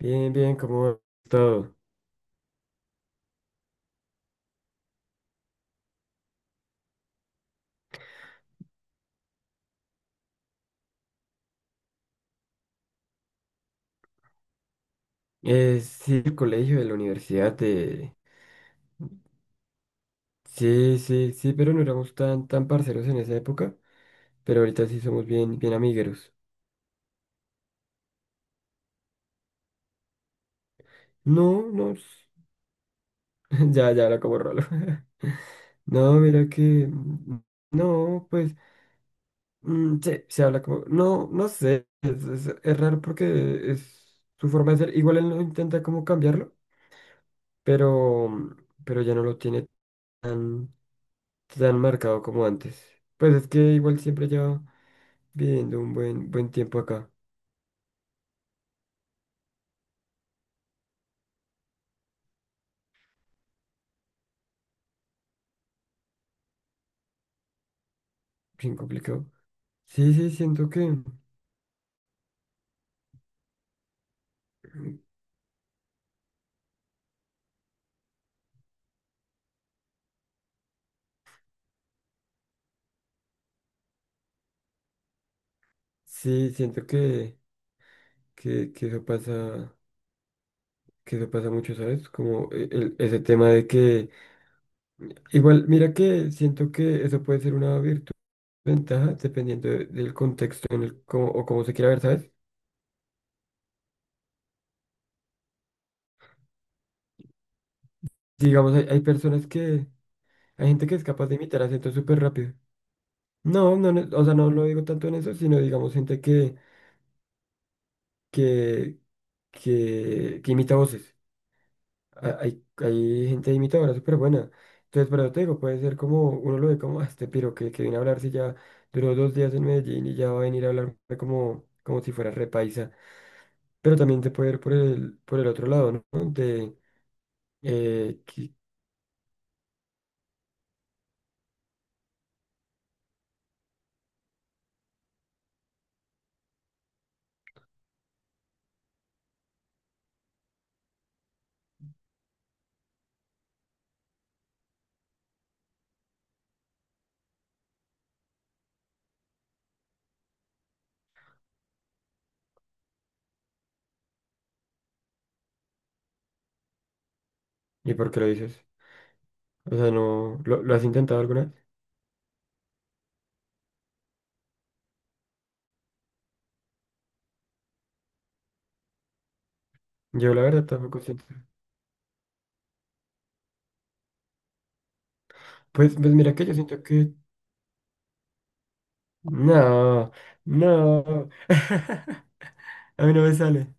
Bien, bien, ¿cómo va todo? Sí, el colegio, de la universidad, de... Sí, sí, sí, pero no éramos tan parceros en esa época, pero ahorita sí somos bien, bien amigueros. No, no, ya habla como rolo. No, mira que... mm, No, pues, sí, se habla como... No, no sé, es raro porque es su forma de ser. Igual él no intenta como cambiarlo, pero, pero ya no lo tiene tan... tan marcado como antes. Pues es que igual siempre llevo viviendo un buen, buen tiempo acá, bien complicado. Sí, sí, siento que, que eso pasa, que eso pasa mucho, ¿sabes? Como ese tema de que, igual, mira que siento que eso puede ser una virtud, ventaja, dependiendo del contexto en el, cómo, o cómo se quiera ver, ¿sabes? Digamos, hay personas que, hay gente que es capaz de imitar acentos súper rápido. No, no, no, o sea, no lo digo tanto en eso, sino digamos gente que, que imita voces. Hay gente imitadora súper buena. Entonces, por eso te digo, puede ser como, uno lo ve como, "Ah, este piro que viene a hablar si ya duró 2 días en Medellín y ya va a venir a hablarme como, como si fuera repaisa. Pero también te puede ir por el otro lado, ¿no? Eh, qui- ¿Y por qué lo dices? O sea, no, ¿lo has intentado alguna vez? Yo la verdad tampoco siento. Pues mira que yo siento que... No, no. A mí no me sale.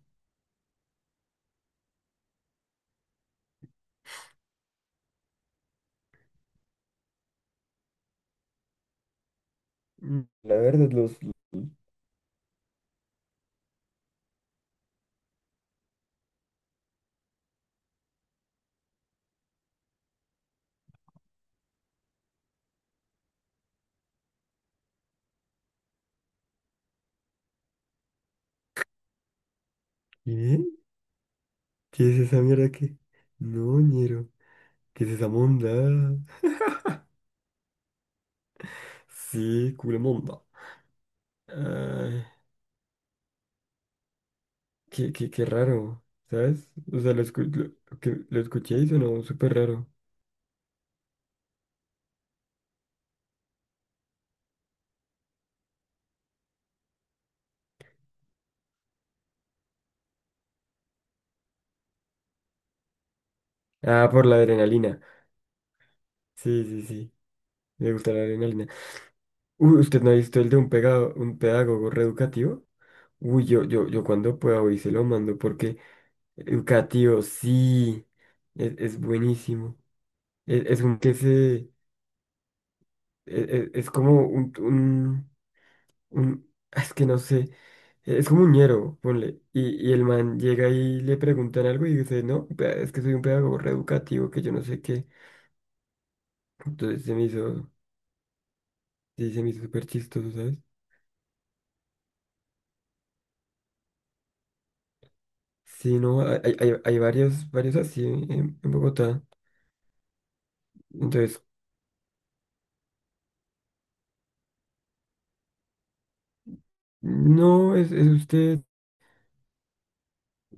La verdad, los... ¿Qué? ¿Qué es esa mierda que? No, ñero. ¿Qué es esa monda? Sí, culo monda. Ay, qué raro, ¿sabes? O sea, lo escuché y sonó súper raro. Ah, por la adrenalina. Sí, sí, sí. Me gusta la adrenalina. Uy, ¿usted no ha visto el de un pegado, un pedagogo reeducativo? Uy, yo cuando pueda hoy se lo mando porque educativo, sí, es buenísimo. Es un que se... e- es como un, un es que no sé, es como un ñero, ponle. Y el man llega y le preguntan algo y dice, no, es que soy un pedagogo reeducativo, que yo no sé qué. Entonces se me hizo, sí, se me hizo súper chistoso, ¿sabes? Sí, no, hay varios, varios así en, Bogotá. Entonces, no, es usted.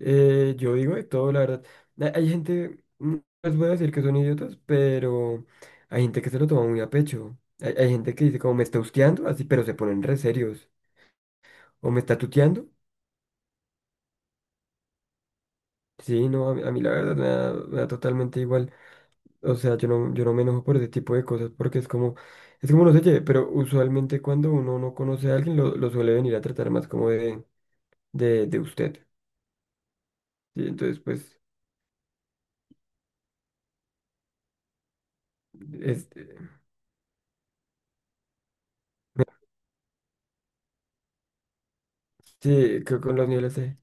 Yo digo de todo, la verdad. Hay gente, no les voy a decir que son idiotas, pero hay gente que se lo toma muy a pecho. Hay gente que dice como me está husqueando, así, pero se ponen re serios. O me está tuteando. Sí, no, a mí la verdad me da totalmente igual. O sea, yo no me enojo por ese tipo de cosas porque es como no sé qué, pero usualmente cuando uno no conoce a alguien lo suele venir a tratar más como de, de usted. Sí, entonces pues, este, sí, creo que con los niveles de...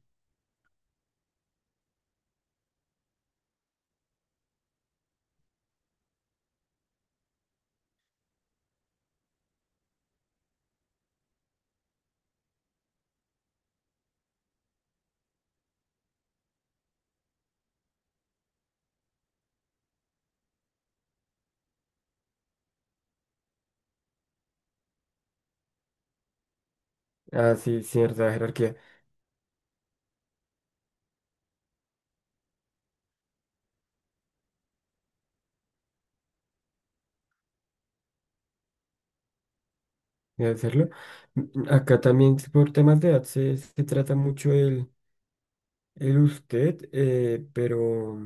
Ah, sí, cierta jerarquía. De hacerlo. Acá también sí por temas de edad se trata mucho el, usted, pero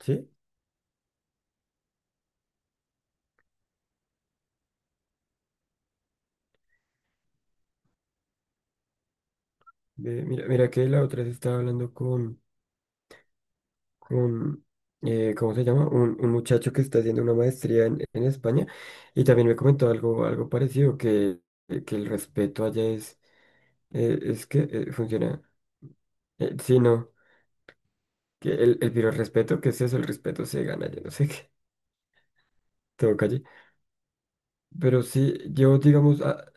sí, ve, mira que la otra vez estaba hablando con, con ¿cómo se llama? Un muchacho que está haciendo una maestría en, España y también me comentó algo parecido, que el respeto allá es que funciona, sí, no, pero el respeto, ¿qué es eso? El respeto se gana, yo no sé qué, todo calle. Pero sí, yo digamos,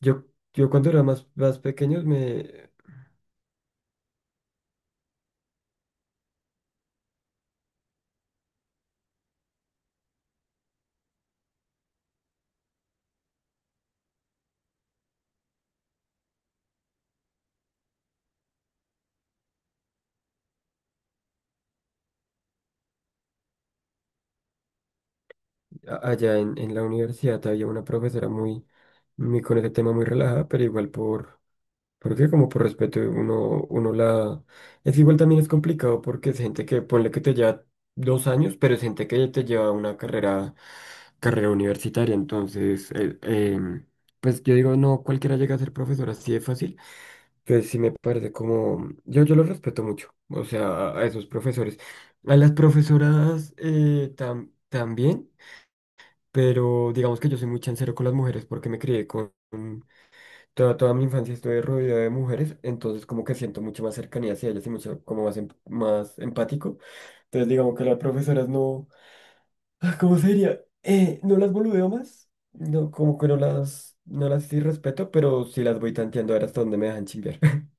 Yo, yo cuando era más pequeño, me, allá en, la universidad había una profesora muy, muy con ese tema muy relajada, pero igual porque como por respeto uno la... Es que igual también es complicado porque es gente que, ponle que te lleva 2 años, pero es gente que te lleva una carrera universitaria, entonces, pues yo digo, no, cualquiera llega a ser profesor así de fácil. Que sí me parece como, yo los respeto mucho, o sea, a esos profesores. A las profesoras también, pero digamos que yo soy muy chancero con las mujeres porque me crié toda mi infancia estuve rodeado de mujeres, entonces como que siento mucho más cercanía hacia ellas y mucho como más empático. Entonces digamos que las profesoras no, ah, ¿cómo sería? No las boludeo más, no, como que no las sí respeto, pero sí las voy tanteando a ver hasta dónde me dejan chimbear.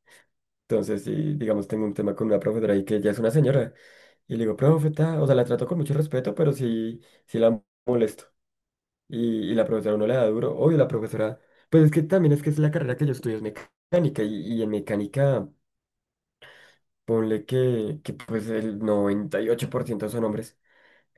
Entonces, si digamos tengo un tema con una profesora y que ya es una señora, y le digo, profeta, o sea, la trato con mucho respeto, pero sí, sí la molesto. Y la profesora no le da duro. Obvio, la profesora, pues es que también es que es la carrera que yo estudio, es mecánica, y en mecánica, ponle que pues el 98% son hombres.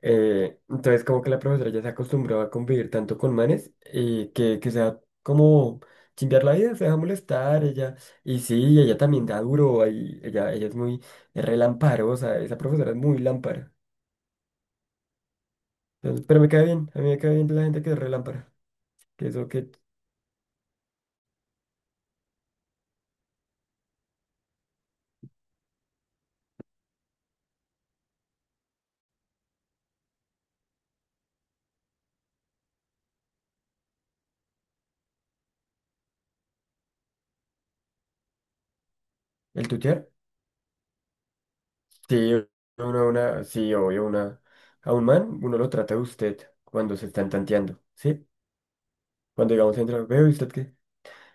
Entonces, como que la profesora ya se acostumbró a convivir tanto con manes y que sea como chimbear la vida, se deja molestar ella. Y sí, ella también da duro, ahí, ella es muy es relamparosa, esa profesora es muy lámpara. Entonces, pero me cae bien, a mí me cae bien la gente que es relámpara, que eso que el tutear. Sí, sí, obvio, a un man uno lo trata de usted cuando se están tanteando, ¿sí? Cuando digamos entra, veo, ¿y usted qué?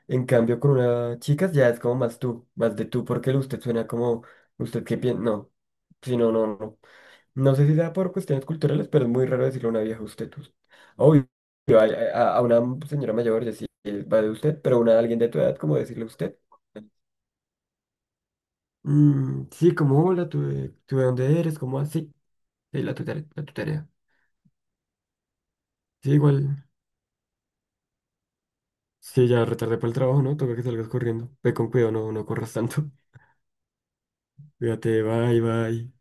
En cambio, con una chica ya es como más tú, más de tú, porque el usted suena como usted que piensa. No, si no, no, no. No sé si sea por cuestiones culturales, pero es muy raro decirle a una vieja usted. Obvio, a, a una señora mayor decir va de usted, pero una alguien de tu edad, como decirle usted. Mm, sí, como hola, tú, tú de dónde eres, como así. Sí, sí, la tu tarea, la tu tarea. Sí, igual. Sí, ya retardé para el trabajo, ¿no? Toca que salgas corriendo. Ve con cuidado, no, no corras tanto. Cuídate, bye, bye.